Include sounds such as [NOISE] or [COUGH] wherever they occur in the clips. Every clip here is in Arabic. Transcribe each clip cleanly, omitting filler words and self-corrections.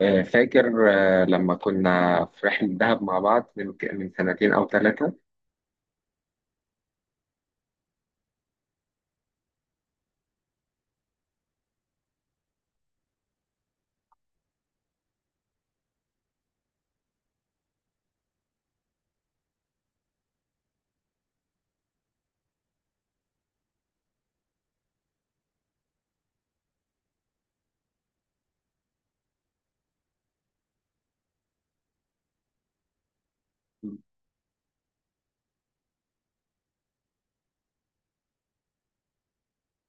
فاكر. لما كنا في رحلة دهب مع بعض من سنتين أو ثلاثة.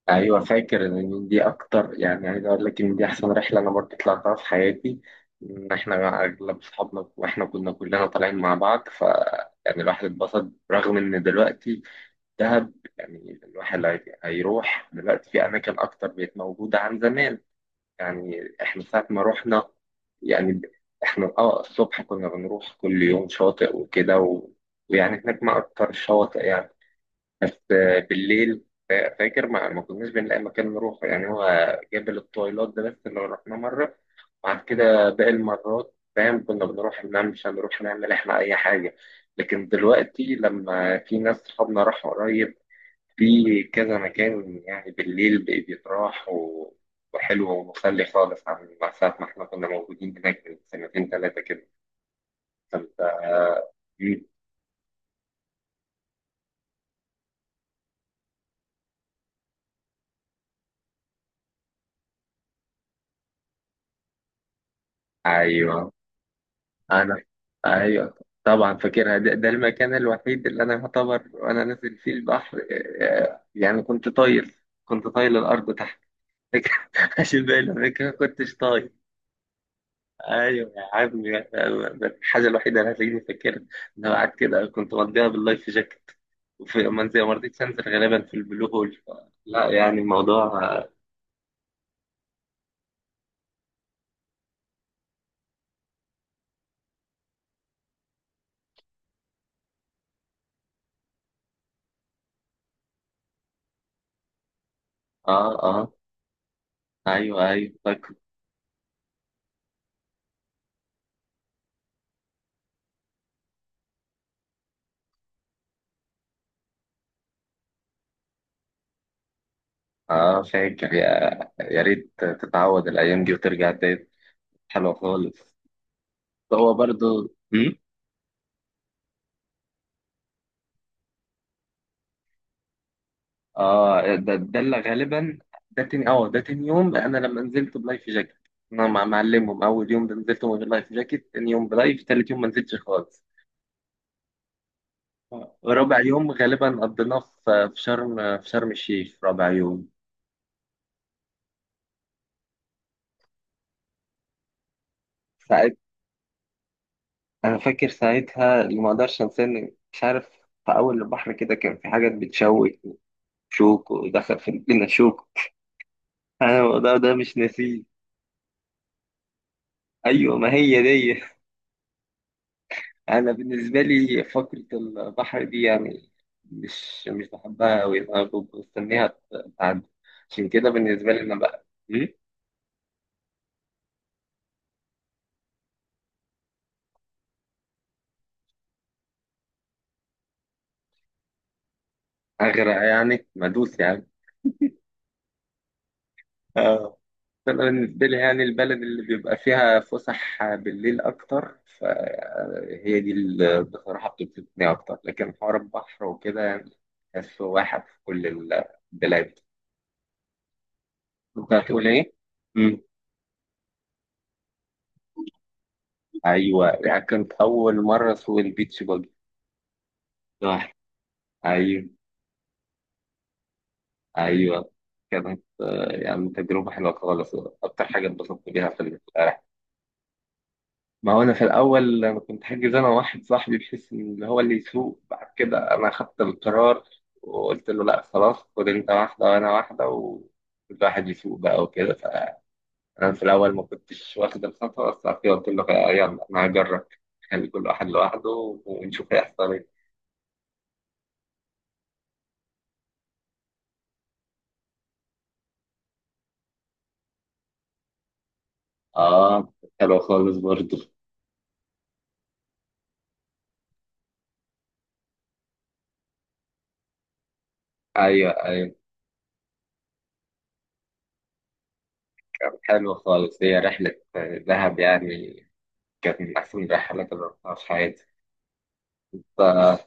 أيوة، فاكر إن دي أكتر، يعني عايز أقول لك إن دي أحسن رحلة أنا برضه طلعتها في حياتي. إن إحنا أغلب أصحابنا وإحنا كنا كلنا طالعين مع بعض ف، يعني الواحد اتبسط رغم إن دلوقتي دهب، يعني الواحد هيروح دلوقتي في أماكن أكتر بقت موجودة عن زمان. يعني احنا ساعة ما رحنا، يعني احنا الصبح كنا بنروح كل يوم شاطئ وكده ويعني هناك ما اكتر الشواطئ يعني. بس بالليل فاكر ما كناش بنلاقي مكان نروح، يعني هو جبل الطويلات ده بس اللي رحناه مرة. بعد كده باقي المرات فاهم، كنا بنروح الممشى نروح نعمل احنا اي حاجة. لكن دلوقتي لما في ناس صحابنا راحوا قريب في كذا مكان، يعني بالليل بيتراح وحلو ومسلي خالص عن ساعة ما احنا كنا موجودين هناك من سنتين ثلاثة كده، فانت. مم. ايوه. انا. ايوه، طبعا فاكرها. ده المكان الوحيد اللي انا يعتبر وانا نازل فيه البحر. يعني كنت طاير، كنت طاير الارض تحت. [LAUGHS] عشان باقي الاماكن ما كنتش طاير. ايوه يا عم. الحاجه الوحيده اللي هتلاقيني فاكرها ان انا قاعد كده، كنت مضيها باللايف جاكيت. وفي منزل ما رضيتش انزل غالبا في البلو هول. لا، يعني الموضوع. اه اه. ايوه ايوه، فاكر. اه، فاكر يا. يا ريت تتعود الايام دي وترجع تاني، حلوه خالص. هو برضو مم؟ اه، ده اللي غالبا. ده تاني يوم انا لما نزلت بلايف جاكيت. انا مع معلمهم اول يوم، ده نزلت من غير لايف جاكيت، تاني يوم بلايف، تالت يوم ما نزلتش خالص. رابع يوم غالبا قضيناه في شرم الشيخ رابع يوم. ساعت انا فاكر ساعتها اللي ما اقدرش انساه مش عارف. في اول البحر كده كان في حاجات بتشوك، شوك ودخل في لنا شوك، انا الموضوع ده مش ناسيه. ايوه ما هي دي. انا بالنسبه لي فقره البحر دي يعني مش بحبها قوي انا. بستنيها تعدي، عشان كده بالنسبه لي انا بقى اغرق يعني ما ادوس يعني. [LAUGHS] انا بالنسبه لي يعني البلد اللي بيبقى فيها فسح بالليل اكتر، فهي دي اللي بصراحه بتبسطني اكتر. لكن حوار البحر وكده يعني تحسه واحد في كل البلاد. كنت هتقول ايه؟ مم. ايوه، يعني كانت اول مره اسوق البيتش باجي لوحدي. ايوه ايوه. كانت يعني تجربه حلوه خالص، اكتر حاجه اتبسطت بيها في الرحله. ما هو انا في الاول انا كنت حاجز انا واحد صاحبي بحيث ان هو اللي يسوق. بعد كده انا خدت القرار وقلت له لا خلاص، خد انت واحده وانا واحده وكل واحد يسوق بقى وكده. فانا في الاول ما كنتش واخد الخطوه، بس بعد كده قلت له يلا انا هجرب، خلي كل واحد لوحده ونشوف هيحصل ايه. اه، حلو خالص برضه. ايوه ايوه، كان حلو خالص. هي رحله دهب يعني كانت من احسن الرحلات اللي رحتها في حياتي. ف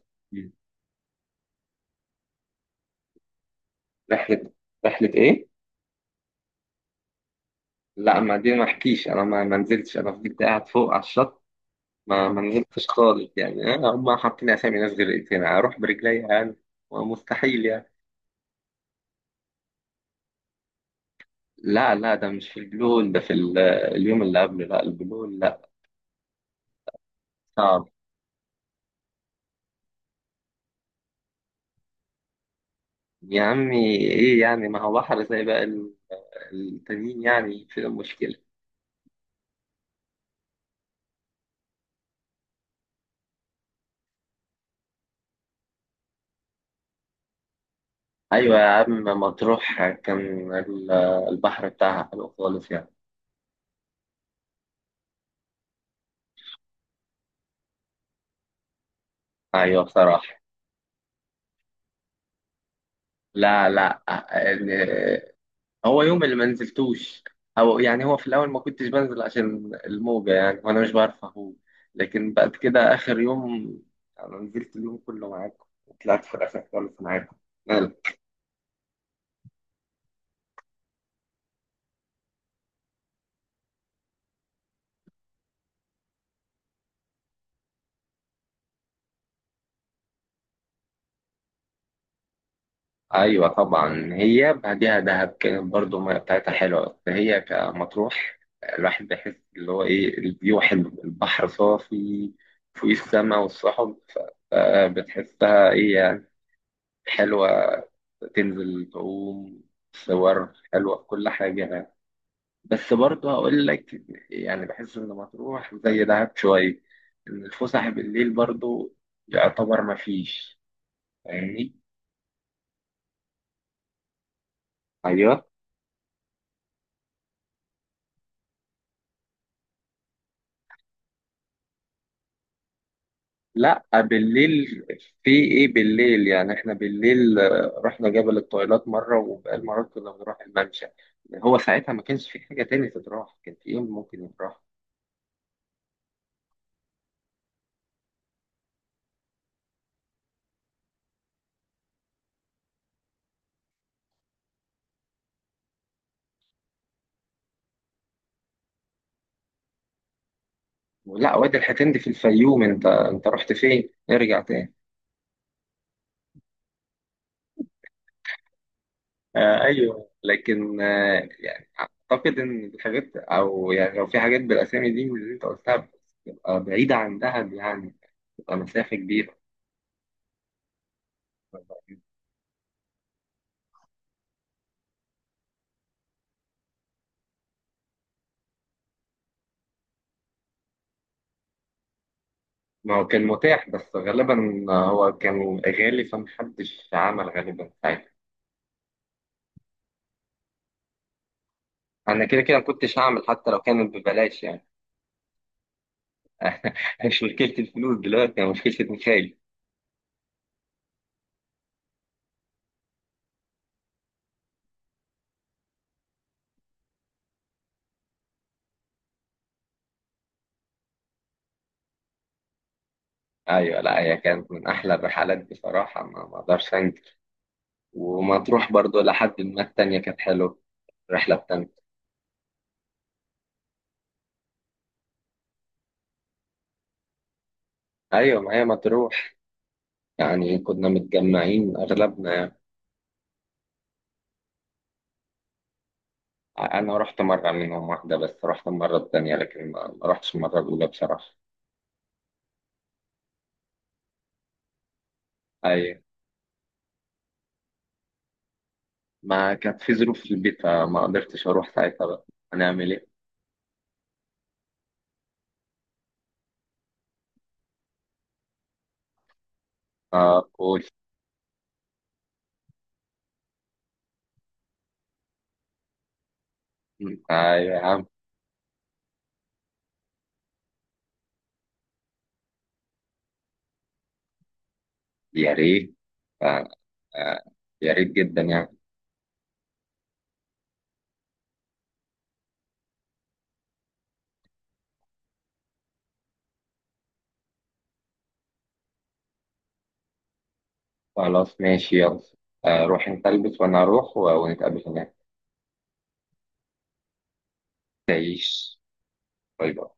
رحله رحله ايه؟ لا، ما دي ما احكيش انا، ما نزلتش، انا فضلت قاعد فوق على الشط، ما نزلتش خالص يعني. أنا هم حاطين اسامي ناس غير، هنا اروح برجلي يعني، مستحيل يعني. لا لا، ده مش في البلو هول، ده في اليوم اللي قبله، لا البلو هول لا. صعب. يا عمي ايه يعني، ما هو بحر زي بقى التانيين يعني، في المشكلة؟ ايوه يا عم، مطروح كان ال- البحر بتاعها حلو خالص يعني. ايوه بصراحة. لا لا، هو يوم اللي ما نزلتوش او يعني، هو في الاول ما كنتش بنزل عشان الموجه يعني، وانا مش بعرف اهو. لكن بعد كده اخر يوم انا نزلت اليوم كله معاكم، وطلعت في الاخر خالص معاكم. مال. ايوه طبعا، هي بعديها دهب كانت برضو المية بتاعتها حلوه، هي كمطروح الواحد بيحس اللي هو ايه، الفيو حلو، البحر صافي، فوق السما والسحب. فبتحسها ايه يعني، حلوه، تنزل تعوم، صور حلوة، كل حاجة يعني. بس برضه هقول لك، يعني بحس إن مطروح زي دهب شوية، إن الفسح بالليل برضه يعتبر مفيش. فاهمني؟ أيوه. لا بالليل، في إيه بالليل يعني، إحنا بالليل رحنا جبل الطويلات مرة، وبقال مرات كنا بنروح الممشى. هو ساعتها ما كانش في حاجة تاني تتراح، كان في إيه ممكن يتراح؟ ولا وادي الحيتان دي في الفيوم، أنت رحت فين؟ ارجع تاني. آه ايوه لكن يعني، اعتقد ان الحاجات او يعني لو في حاجات بالاسامي دي من اللي انت قلتها بتبقى بعيده عن دهب يعني، بتبقى مسافه كبيره. ما هو كان متاح، بس غالبا هو كان غالي فمحدش عمل غالبا ساعتها. انا كده كده ما كنتش هعمل حتى لو كانت ببلاش يعني. [LAUGHS] مش مشكله الفلوس دلوقتي، هي مشكله ميخائيل. ايوه، لا هي كانت من احلى الرحلات بصراحه، ما اقدرش انكر. ومطروح برضو لحد ما التانيه كانت حلوه، الرحله التانيه. ايوه، ما هي مطروح يعني كنا متجمعين اغلبنا يعني. انا رحت مره منهم واحده بس، رحت المره التانيه لكن ما رحتش المره الاولى بصراحه. ايوه، ما كانت في ظروف في البيت فما قدرتش اروح ساعتها بقى، هنعمل ايه. اه قول. ايوه يا عم، يا ريت. آه، آه، يا ريت جدا يعني. خلاص ماشي يلا. روح انت البس وانا اروح ونتقابل هناك. تعيش. باي باي.